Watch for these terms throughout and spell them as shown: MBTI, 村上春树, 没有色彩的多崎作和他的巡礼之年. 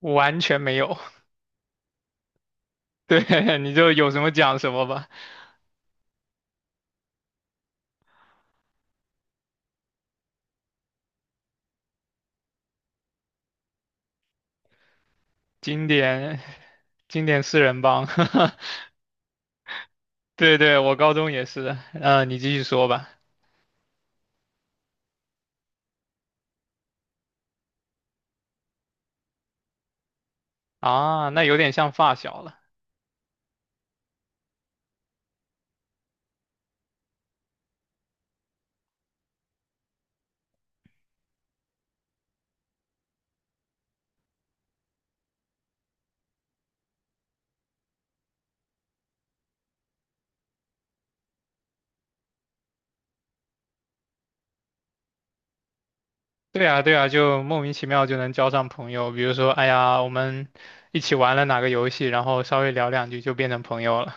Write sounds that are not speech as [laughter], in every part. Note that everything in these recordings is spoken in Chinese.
完全没有。[laughs] 对，你就有什么讲什么吧。经典。经典四人帮。[laughs] 对对，我高中也是的。你继续说吧。啊，那有点像发小了。对啊，对啊，就莫名其妙就能交上朋友。比如说，哎呀，我们一起玩了哪个游戏，然后稍微聊两句就变成朋友了。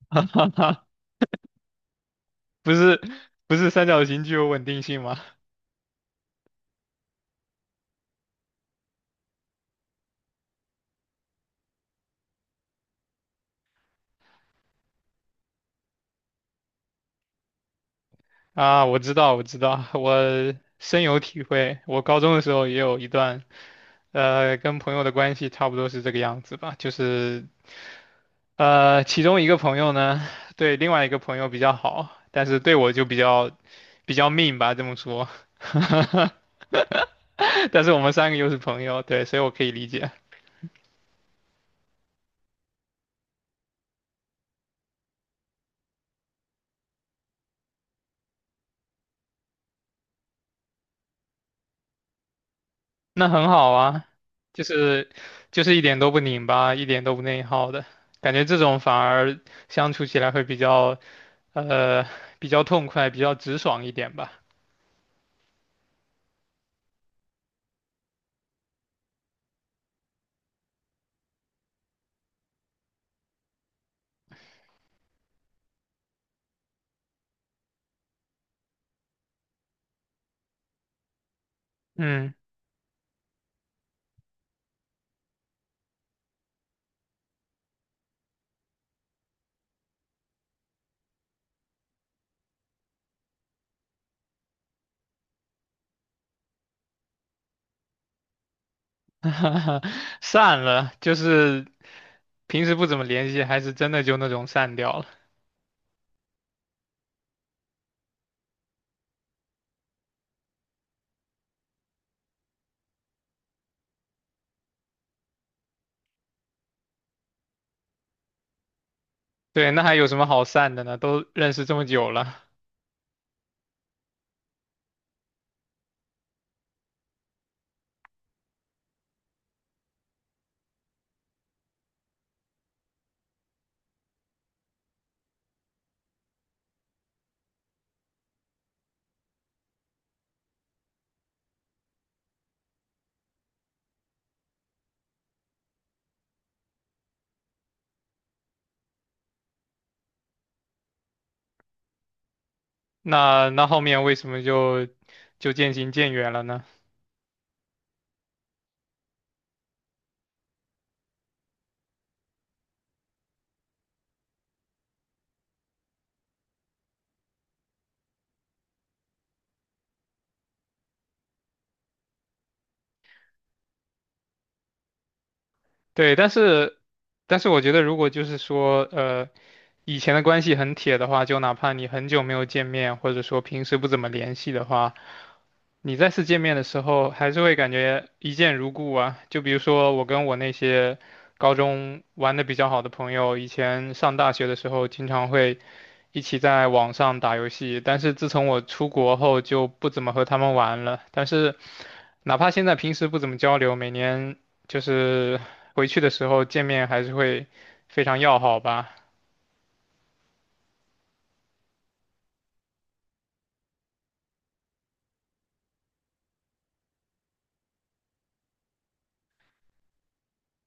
[laughs] 不是。不是三角形具有稳定性吗？啊，我知道，我知道，我深有体会。我高中的时候也有一段跟朋友的关系差不多是这个样子吧，就是其中一个朋友呢，对另外一个朋友比较好，但是对我就比较 mean 吧，这么说。[laughs] 但是我们三个又是朋友，对，所以我可以理解。那很好啊，就是就是一点都不拧巴，一点都不内耗的感觉，这种反而相处起来会呃比较痛快，比较直爽一点吧。嗯。[laughs] 散了，就是平时不怎么联系，还是真的就那种散掉了。对，那还有什么好散的呢？都认识这么久了，那后面为什么就渐行渐远了呢？对，但是我觉得，如果就是说，呃，以前的关系很铁的话，就哪怕你很久没有见面，或者说平时不怎么联系的话，你再次见面的时候，还是会感觉一见如故啊。就比如说我跟我那些高中玩的比较好的朋友，以前上大学的时候经常会一起在网上打游戏，但是自从我出国后就不怎么和他们玩了。但是哪怕现在平时不怎么交流，每年就是。回去的时候见面还是会非常要好吧？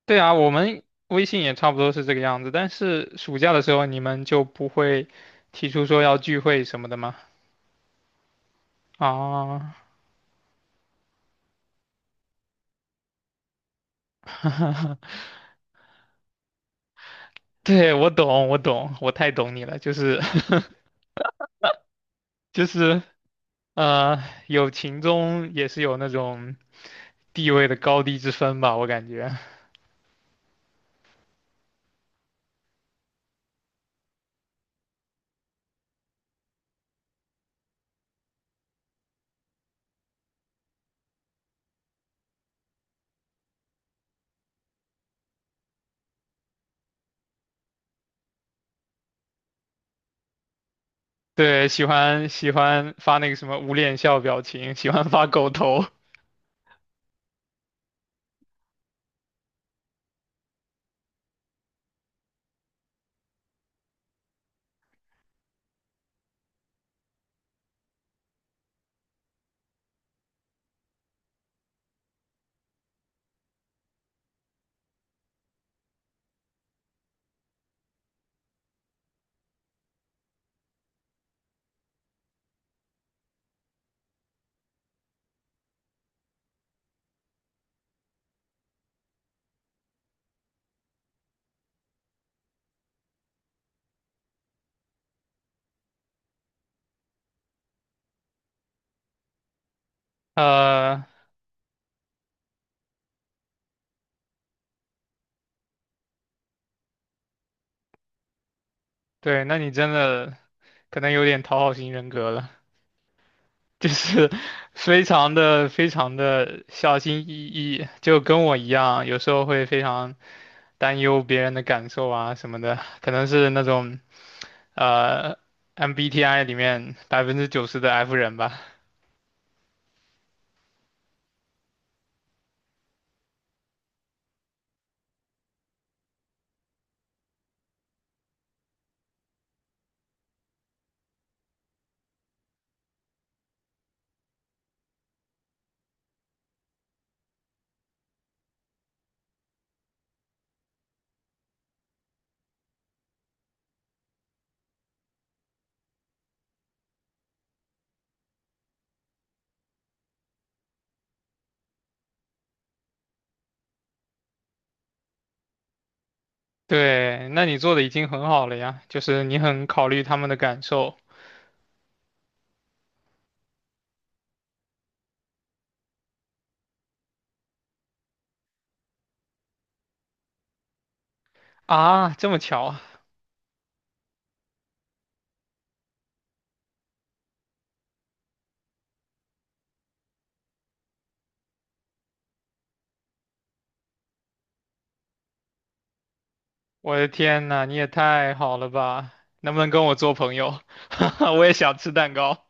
对啊，我们微信也差不多是这个样子，但是暑假的时候你们就不会提出说要聚会什么的吗？啊，[laughs] 对，我懂，我懂，我太懂你了，就是 [laughs] 就是呃，友情中也是有那种地位的高低之分吧，我感觉。对，喜欢发那个什么捂脸笑表情，喜欢发狗头。呃，对，那你真的可能有点讨好型人格了，[laughs] 就是非常的非常的小心翼翼，就跟我一样，有时候会非常担忧别人的感受啊什么的，可能是那种呃 MBTI 里面90%的 F 人吧。对，那你做的已经很好了呀，就是你很考虑他们的感受啊。这么巧啊，我的天呐，你也太好了吧！能不能跟我做朋友？[laughs] 我也想吃蛋糕。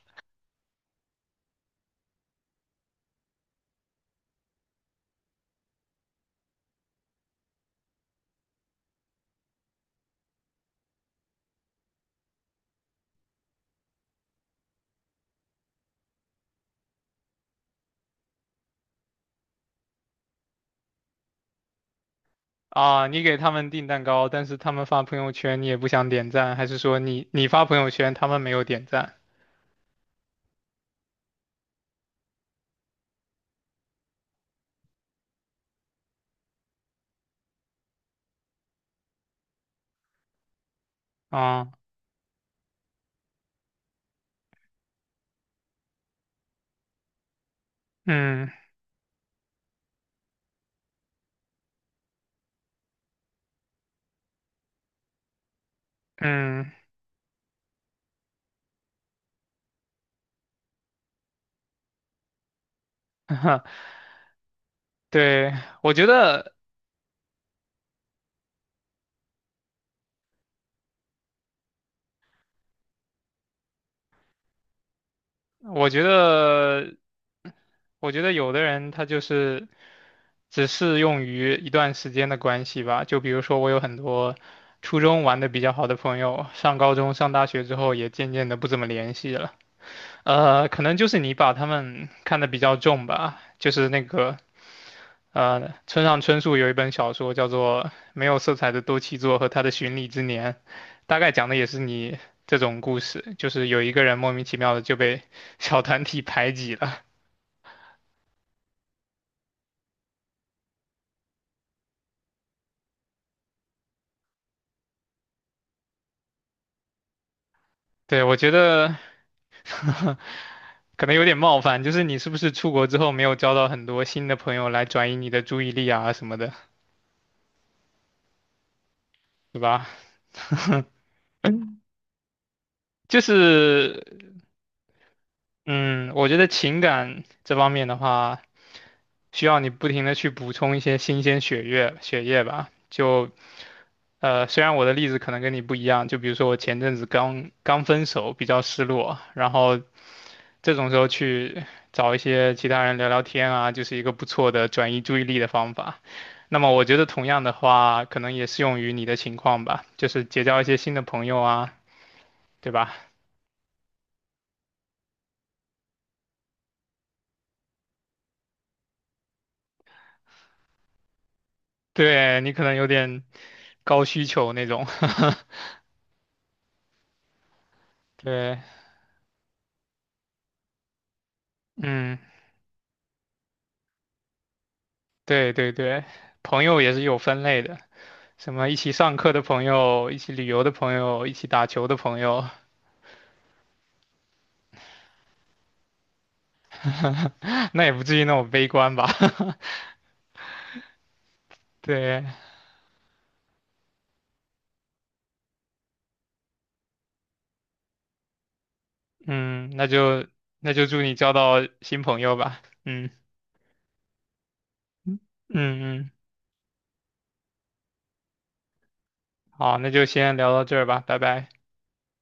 啊，你给他们订蛋糕，但是他们发朋友圈，你也不想点赞，还是说你发朋友圈，他们没有点赞？啊，嗯嗯，[laughs] 对，我觉得，我觉得，我觉得有的人他就是只适用于一段时间的关系吧。就比如说，我有很多初中玩的比较好的朋友，上高中、上大学之后也渐渐的不怎么联系了。可能就是你把他们看得比较重吧，就是那个。村上春树有一本小说叫做《没有色彩的多崎作和他的巡礼之年》，大概讲的也是你这种故事，就是有一个人莫名其妙的就被小团体排挤了。对，我觉得 [laughs] 可能有点冒犯，就是你是不是出国之后没有交到很多新的朋友来转移你的注意力啊什么的，对吧？就是嗯，我觉得情感这方面的话，需要你不停的去补充一些新鲜血液吧。就虽然我的例子可能跟你不一样，就比如说我前阵子刚刚分手，比较失落，然后这种时候去找一些其他人聊聊天啊，就是一个不错的转移注意力的方法。那么我觉得同样的话，可能也适用于你的情况吧，就是结交一些新的朋友啊，对吧？对，你可能有点高需求那种。[laughs] 对，嗯，对对对，朋友也是有分类的，什么一起上课的朋友，一起旅游的朋友，一起打球的朋友。[laughs] 那也不至于那么悲观吧？[laughs] 对，嗯，那就祝你交到新朋友吧。嗯嗯嗯，好，那就先聊到这儿吧，拜拜。